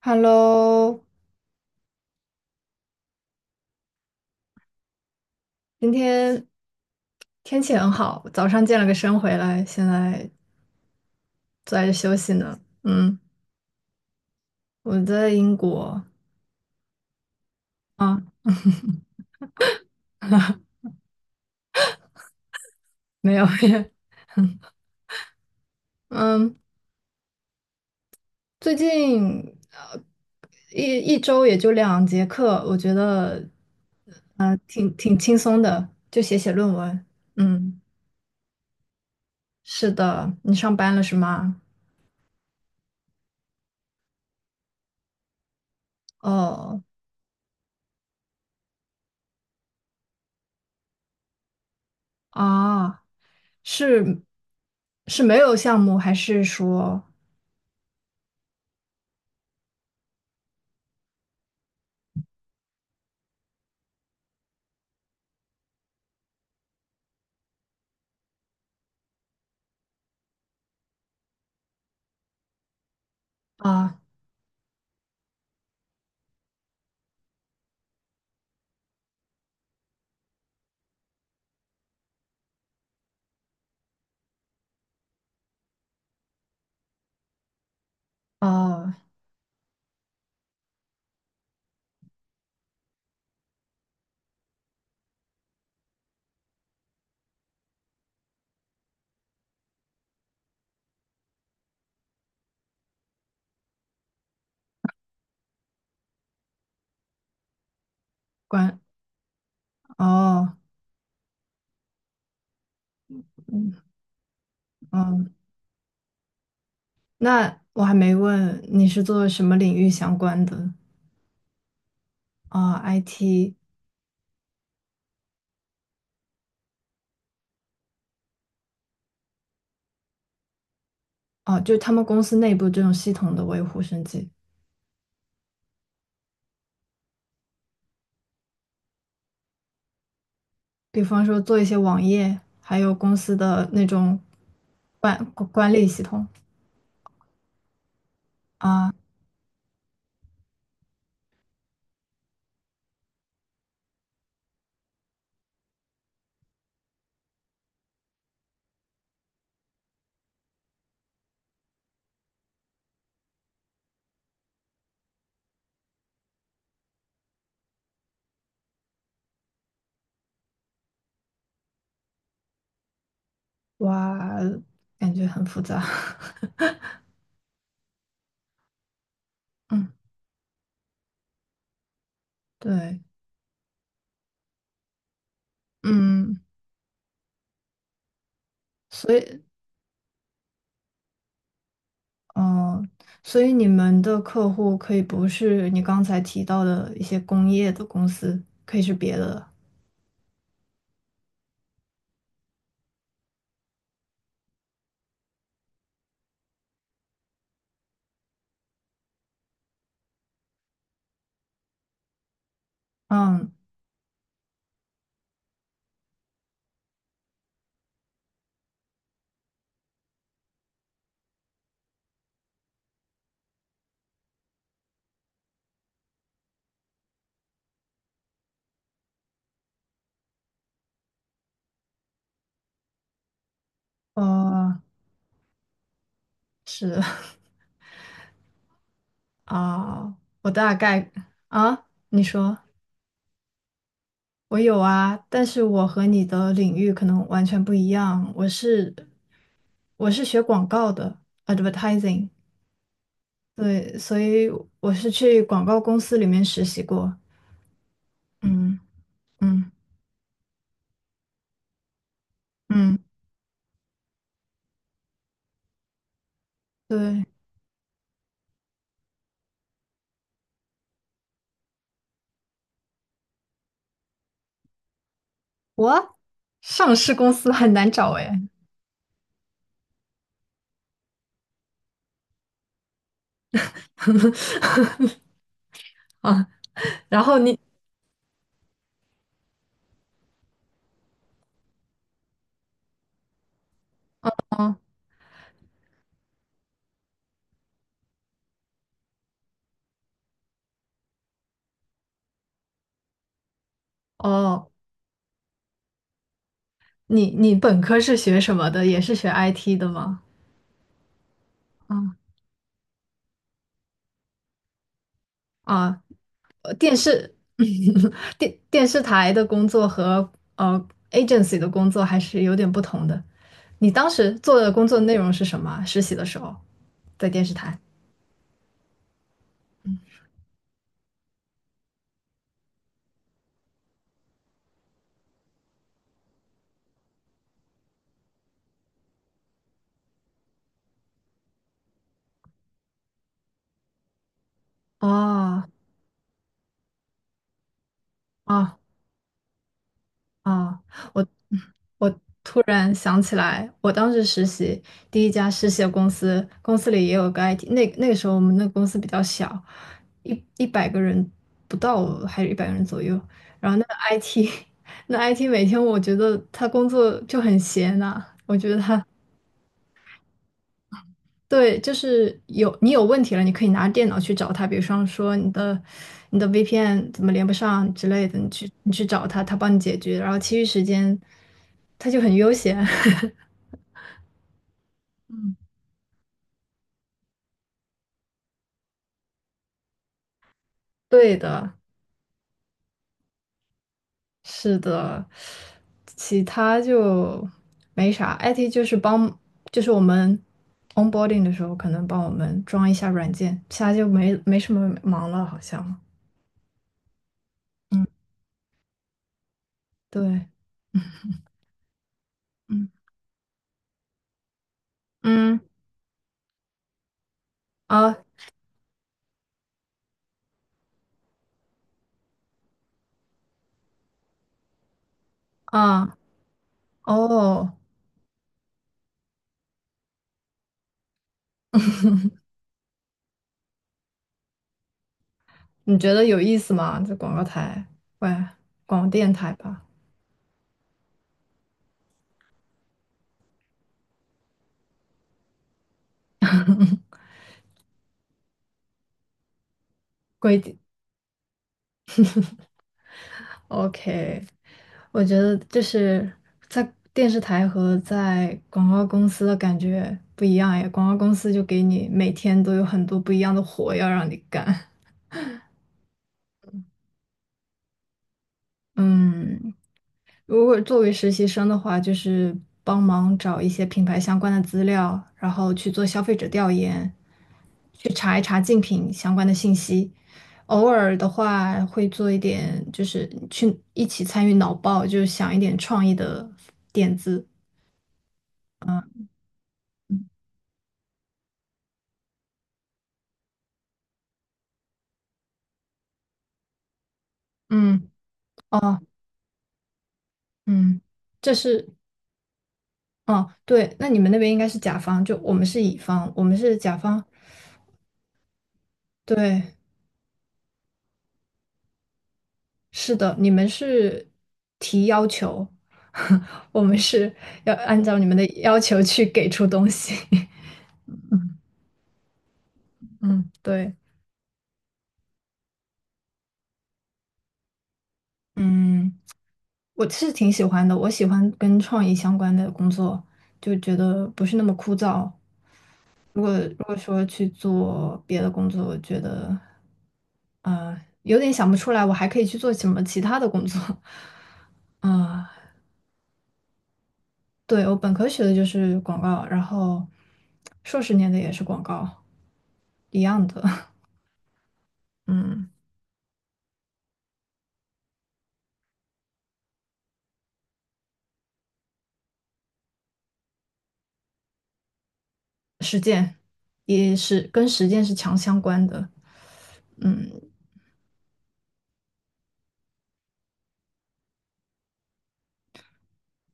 Hello，今天天气很好，早上健了个身回来，现在坐在休息呢。嗯，我在英国啊，没有，嗯，最近呃一周也就2节课，我觉得挺轻松的，就写写论文。嗯，是的，你上班了是吗？哦啊，是是没有项目还是说啊？哦，关哦，嗯嗯，那我还没问你是做什么领域相关的啊 IT 哦，就是他们公司内部这种系统的维护升级，比方说做一些网页，还有公司的那种管管理系统啊，哇，感觉很复杂。嗯，对，嗯，所以嗯，所以你们的客户可以不是你刚才提到的一些工业的公司，可以是别的。嗯，呃，是 啊，我大概啊，你说我有啊，但是我和你的领域可能完全不一样。我是学广告的，advertising，对，所以我是去广告公司里面实习过。嗯嗯嗯，对。我上市公司很难找哎，啊，然后你，嗯，哦，你本科是学什么的？也是学 IT 的吗？啊啊，呃电视 电视台的工作和agency 的工作还是有点不同的。你当时做的工作内容是什么啊实习的时候在电视台？哦哦啊，我我突然想起来，我当时实习第一家实习的公司，公司里也有个 IT，那个时候我们那个公司比较小，一百个人不到，还是一百个人左右。然后那个 IT，那 IT 每天我觉得他工作就很闲呐、我觉得他对，就是有你有问题了，你可以拿电脑去找他，比如说你的 VPN 怎么连不上之类的，你去找他，他帮你解决，然后其余时间他就很悠闲。对的，是的，其他就没啥。IT 就是帮，就是我们 onboarding 的时候可能帮我们装一下软件，其他就没什么忙了，好像。嗯，对，嗯嗯啊啊哦。你觉得有意思吗？这广告台，喂，广电台吧，规定。OK，我觉得就是在电视台和在广告公司的感觉不一样耶。广告公司就给你每天都有很多不一样的活要让你干。嗯，如果作为实习生的话，就是帮忙找一些品牌相关的资料，然后去做消费者调研，去查一查竞品相关的信息。偶尔的话，会做一点，就是去一起参与脑爆，就是想一点创意的点子。嗯，哦，嗯，这是，哦，对，那你们那边应该是甲方，就我们是乙方，我们是甲方。对，是的，你们是提要求，我们是要按照你们的要求去给出东西。嗯，对，嗯，我是挺喜欢的，我喜欢跟创意相关的工作，就觉得不是那么枯燥。如果说去做别的工作，我觉得有点想不出来，我还可以去做什么其他的工作。啊、对，我本科学的就是广告，然后硕士念的也是广告，一样的。嗯，实践也是跟实践是强相关的，嗯，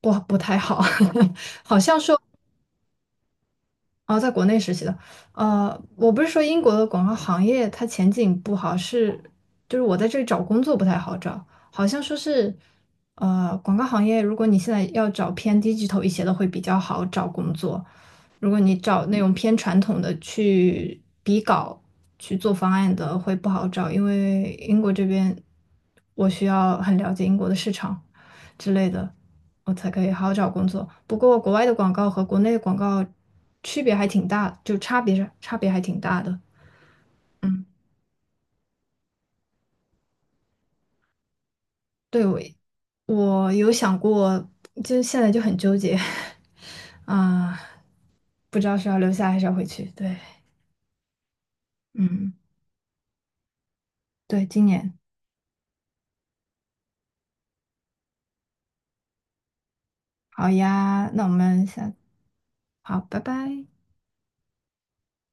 不太好，好像说哦，在国内实习的，我不是说英国的广告行业它前景不好，是就是我在这里找工作不太好找，好像说是，广告行业如果你现在要找偏低级头一些的会比较好找工作，如果你找那种偏传统的去比稿去做方案的会不好找，因为英国这边我需要很了解英国的市场。之类的，我才可以好好找工作。不过国外的广告和国内的广告区别还挺大，就差别是差别还挺大的。嗯，对，我有想过，就现在就很纠结，啊、不知道是要留下还是要回去。对嗯。对，今年好呀，那我们下，好，拜拜。